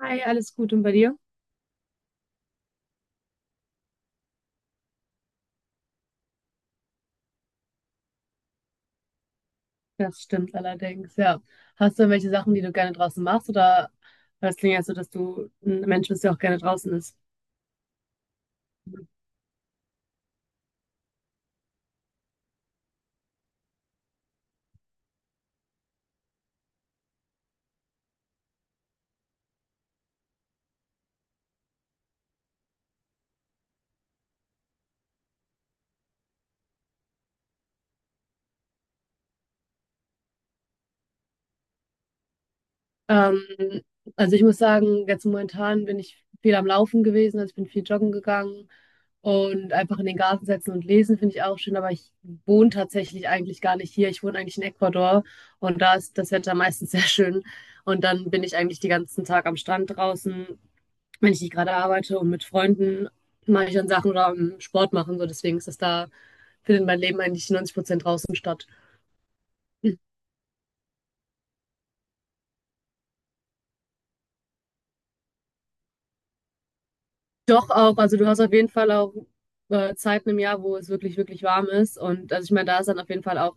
Hi, alles gut und bei dir? Das stimmt allerdings, ja. Hast du irgendwelche Sachen, die du gerne draußen machst, oder, weil es klingt ja so, dass du ein Mensch bist, der auch gerne draußen ist? Ähm, also ich muss sagen, jetzt momentan bin ich viel am Laufen gewesen, also ich bin viel joggen gegangen und einfach in den Garten setzen und lesen finde ich auch schön, aber ich wohne tatsächlich eigentlich gar nicht hier. Ich wohne eigentlich in Ecuador und da ist das Wetter meistens sehr schön und dann bin ich eigentlich den ganzen Tag am Strand draußen, wenn ich nicht gerade arbeite, und mit Freunden mache ich dann Sachen oder Sport machen. So, deswegen ist das da, findet mein Leben eigentlich 90% draußen statt. Doch, auch, also du hast auf jeden Fall auch Zeiten im Jahr, wo es wirklich, wirklich warm ist. Und, also ich meine, da ist dann auf jeden Fall auch,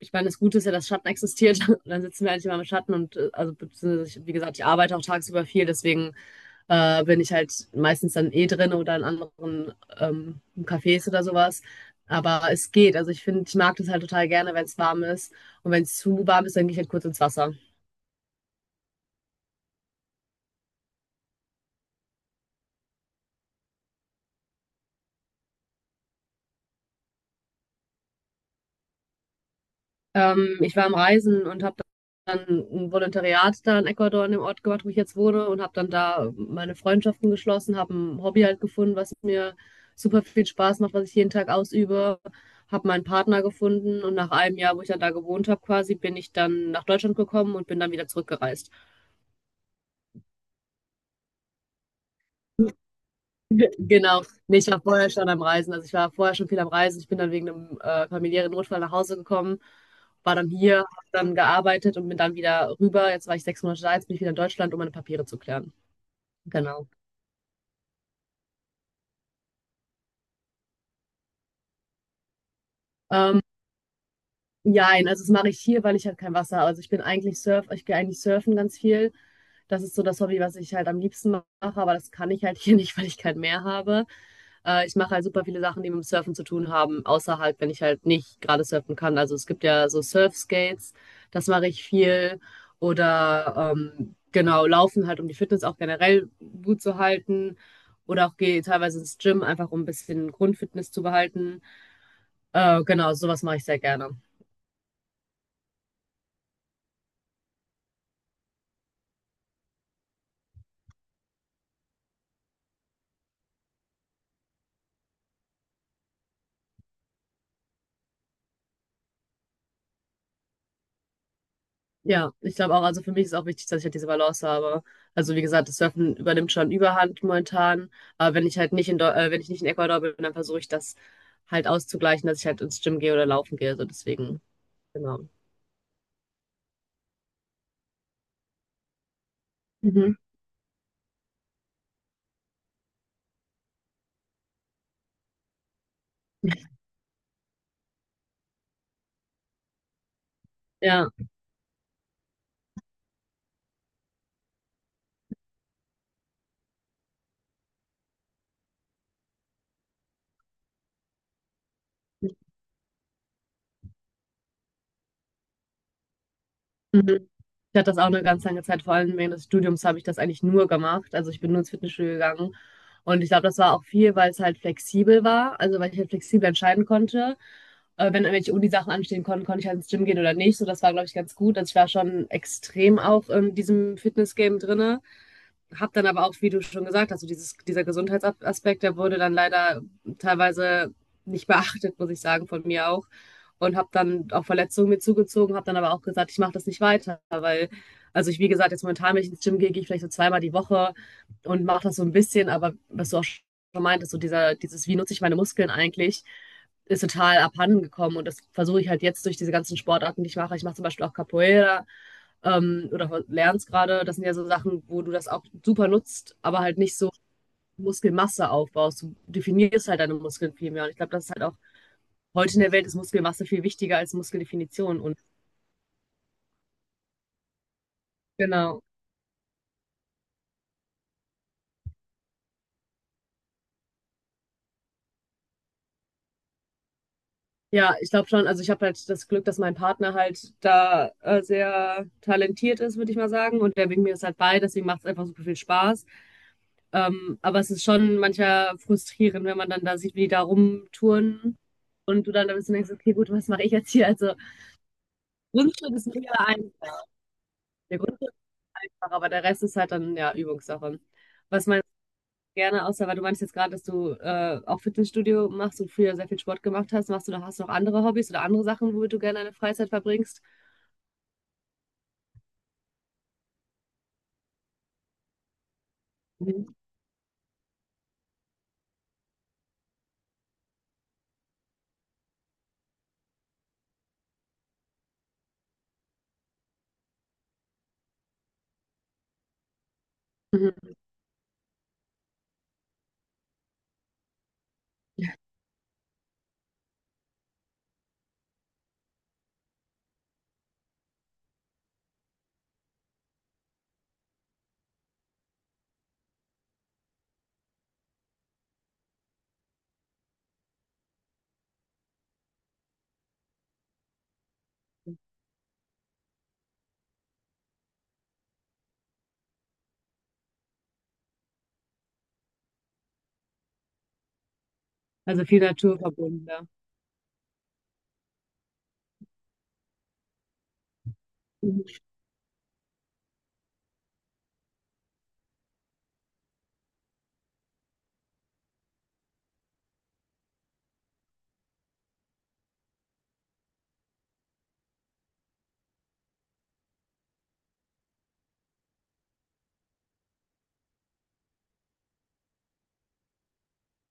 ich meine, das Gute ist ja, dass Schatten existiert. Und dann sitzen wir eigentlich immer im Schatten und also, beziehungsweise ich, wie gesagt, ich arbeite auch tagsüber viel, deswegen bin ich halt meistens dann eh drin oder in anderen Cafés oder sowas. Aber es geht. Also ich finde, ich mag das halt total gerne, wenn es warm ist. Und wenn es zu warm ist, dann gehe ich halt kurz ins Wasser. Ich war am Reisen und habe dann ein Volontariat da in Ecuador in dem Ort gemacht, wo ich jetzt wohne, und habe dann da meine Freundschaften geschlossen, habe ein Hobby halt gefunden, was mir super viel Spaß macht, was ich jeden Tag ausübe, habe meinen Partner gefunden und nach einem Jahr, wo ich dann da gewohnt habe, quasi bin ich dann nach Deutschland gekommen und bin dann wieder zurückgereist. Genau. Ne, ich war vorher schon am Reisen. Also, ich war vorher schon viel am Reisen. Ich bin dann wegen einem familiären Notfall nach Hause gekommen, war dann hier, habe dann gearbeitet und bin dann wieder rüber. Jetzt war ich 6 Monate da, jetzt bin ich wieder in Deutschland, um meine Papiere zu klären. Genau. Ähm Jein, also das mache ich hier, weil ich halt kein Wasser habe. Also, ich bin eigentlich Surf, ich gehe eigentlich surfen ganz viel. Das ist so das Hobby, was ich halt am liebsten mache, aber das kann ich halt hier nicht, weil ich kein Meer habe. Ich mache halt super viele Sachen, die mit dem Surfen zu tun haben, außer halt, wenn ich halt nicht gerade surfen kann. Also, es gibt ja so Surfskates, das mache ich viel. Oder genau, laufen halt, um die Fitness auch generell gut zu halten. Oder auch gehe teilweise ins Gym, einfach um ein bisschen Grundfitness zu behalten. Genau, sowas mache ich sehr gerne. Ja, ich glaube auch, also für mich ist auch wichtig, dass ich halt diese Balance habe. Also, wie gesagt, das Surfen übernimmt schon Überhand momentan, aber wenn ich nicht in Ecuador bin, dann versuche ich das halt auszugleichen, dass ich halt ins Gym gehe oder laufen gehe, so, deswegen, genau. Mhm. Ja. Mhm. Ich hatte das auch 'ne ganz lange Zeit, vor allem während des Studiums habe ich das eigentlich nur gemacht. Also, ich bin nur ins Fitnessstudio gegangen und ich glaube, das war auch viel, weil es halt flexibel war, also, weil ich halt flexibel entscheiden konnte. Wenn irgendwelche Unisachen anstehen konnten, konnte ich halt ins Gym gehen oder nicht, so, das war, glaube ich, ganz gut. Also, ich war schon extrem auch in diesem Fitness-Game drinne, habe dann aber auch, wie du schon gesagt hast, so dieses, dieser Gesundheitsaspekt, der wurde dann leider teilweise nicht beachtet, muss ich sagen, von mir auch. Und habe dann auch Verletzungen mir zugezogen, habe dann aber auch gesagt, ich mache das nicht weiter, weil, also ich, wie gesagt, jetzt momentan, wenn ich ins Gym gehe, gehe ich vielleicht so zweimal die Woche und mache das so ein bisschen, aber was du auch schon meintest, so dieser, dieses, wie nutze ich meine Muskeln eigentlich, ist total abhanden gekommen, und das versuche ich halt jetzt durch diese ganzen Sportarten, die ich mache. Ich mache zum Beispiel auch Capoeira, oder lernst gerade, das sind ja so Sachen, wo du das auch super nutzt, aber halt nicht so Muskelmasse aufbaust. Du definierst halt deine Muskeln viel mehr. Und ich glaube, das ist halt auch, heute in der Welt ist Muskelmasse viel wichtiger als Muskeldefinition. Und genau. Ja, ich glaube schon, also ich habe halt das Glück, dass mein Partner halt da sehr talentiert ist, würde ich mal sagen. Und der bringt mir das halt bei, deswegen macht es einfach super viel Spaß. Aber es ist schon manchmal frustrierend, wenn man dann da sieht, wie die da rumtouren und du dann ein bisschen denkst, okay, gut, was mache ich jetzt hier? Also, Grundstück ist mega ein. Der Grundstück ist einfach, aber der Rest ist halt dann ja Übungssache. Was meinst du gerne, außer, weil du meinst jetzt gerade, dass du auch Fitnessstudio machst und früher sehr viel Sport gemacht hast, machst du noch, hast du noch andere Hobbys oder andere Sachen, womit du gerne deine Freizeit verbringst? Mhm. Mhm. Also, viel Natur verbunden, ja. Mhm.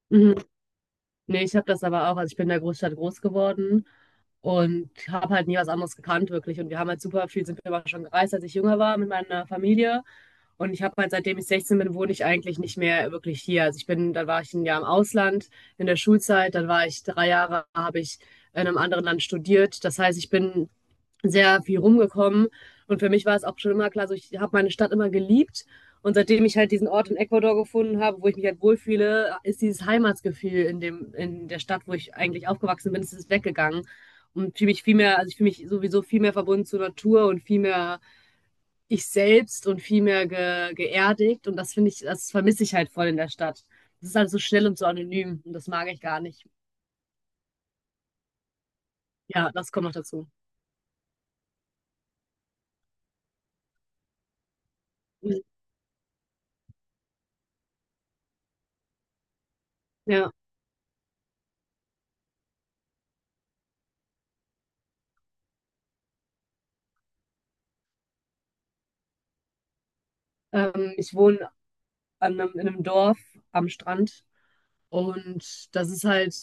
Mhm. Nee, ich habe das aber auch. Also, ich bin in der Großstadt groß geworden und habe halt nie was anderes gekannt, wirklich. Und wir haben halt super viel, sind wir aber schon gereist, als ich jünger war, mit meiner Familie. Und ich habe halt, seitdem ich 16 bin, wohne ich eigentlich nicht mehr wirklich hier. Also, ich bin, dann war ich ein Jahr im Ausland in der Schulzeit, dann war ich 3 Jahre, habe ich in einem anderen Land studiert. Das heißt, ich bin sehr viel rumgekommen. Und für mich war es auch schon immer klar, so, ich habe meine Stadt immer geliebt. Und seitdem ich halt diesen Ort in Ecuador gefunden habe, wo ich mich halt wohlfühle, ist dieses Heimatsgefühl in dem, in der Stadt, wo ich eigentlich aufgewachsen bin, ist es weggegangen. Und fühle mich viel mehr, also ich fühle mich sowieso viel mehr verbunden zur Natur und viel mehr ich selbst und viel mehr geerdigt. Und das finde ich, das vermisse ich halt voll in der Stadt. Das ist alles so schnell und so anonym und das mag ich gar nicht. Ja, das kommt noch dazu. Ja, ich wohne an in einem Dorf am Strand. Und das ist halt,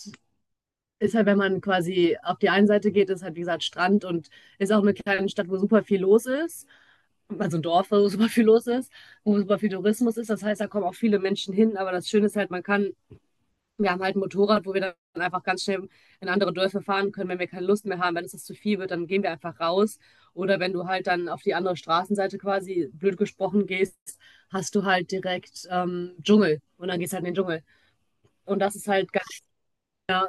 ist halt, wenn man quasi auf die eine Seite geht, ist halt, wie gesagt, Strand und ist auch eine kleine Stadt, wo super viel los ist. Also, ein Dorf, wo super viel los ist, wo super viel Tourismus ist. Das heißt, da kommen auch viele Menschen hin. Aber das Schöne ist halt, man kann, wir haben halt ein Motorrad, wo wir dann einfach ganz schnell in andere Dörfer fahren können, wenn wir keine Lust mehr haben. Wenn es das zu viel wird, dann gehen wir einfach raus. Oder wenn du halt dann auf die andere Straßenseite, quasi blöd gesprochen, gehst, hast du halt direkt Dschungel und dann gehst halt in den Dschungel. Und das ist halt, gar-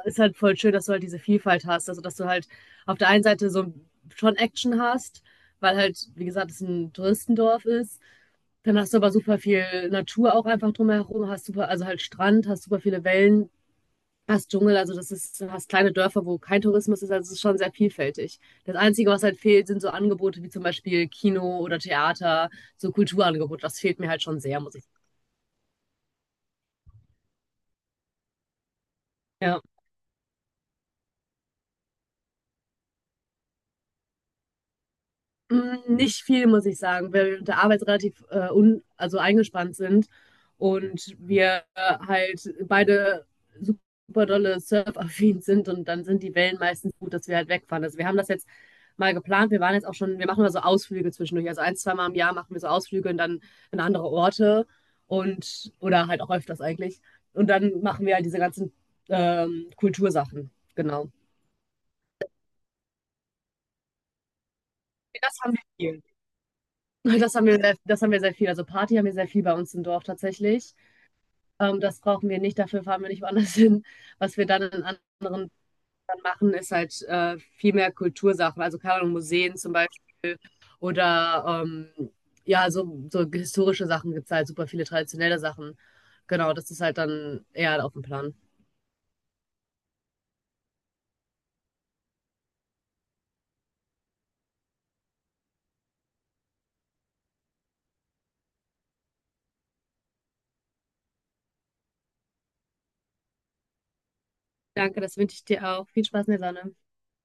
ist halt voll schön, dass du halt diese Vielfalt hast. Also, dass du halt auf der einen Seite so schon Action hast, weil halt, wie gesagt, es ein Touristendorf ist. Dann hast du aber super viel Natur auch einfach drumherum, hast super, also halt Strand, hast super viele Wellen, fast Dschungel, also das ist, du hast kleine Dörfer, wo kein Tourismus ist, also es ist schon sehr vielfältig. Das Einzige, was halt fehlt, sind so Angebote wie zum Beispiel Kino oder Theater, so Kulturangebote. Das fehlt mir halt schon sehr, muss ich sagen. Ja. Mm, nicht viel, muss ich sagen, weil wir mit der Arbeit relativ un also eingespannt sind und wir halt beide super dolle surfaffin sind und dann sind die Wellen meistens gut, dass wir halt wegfahren. Also, wir haben das jetzt mal geplant. Wir waren jetzt auch schon, wir machen mal so Ausflüge zwischendurch. Also, ein, zwei Mal im Jahr machen wir so Ausflüge und dann in andere Orte und, oder halt auch öfters eigentlich. Und dann machen wir halt diese ganzen Kultursachen. Genau. Das haben wir viel. Das haben wir sehr viel. Also, Party haben wir sehr viel bei uns im Dorf tatsächlich. Das brauchen wir nicht, dafür fahren wir nicht woanders hin. Was wir dann in anderen dann machen, ist halt viel mehr Kultursachen, also keine Ahnung, Museen zum Beispiel oder ja, so historische Sachen gibt es halt, super viele traditionelle Sachen. Genau, das ist halt dann eher auf dem Plan. Danke, das wünsche ich dir auch. Viel Spaß in der Sonne.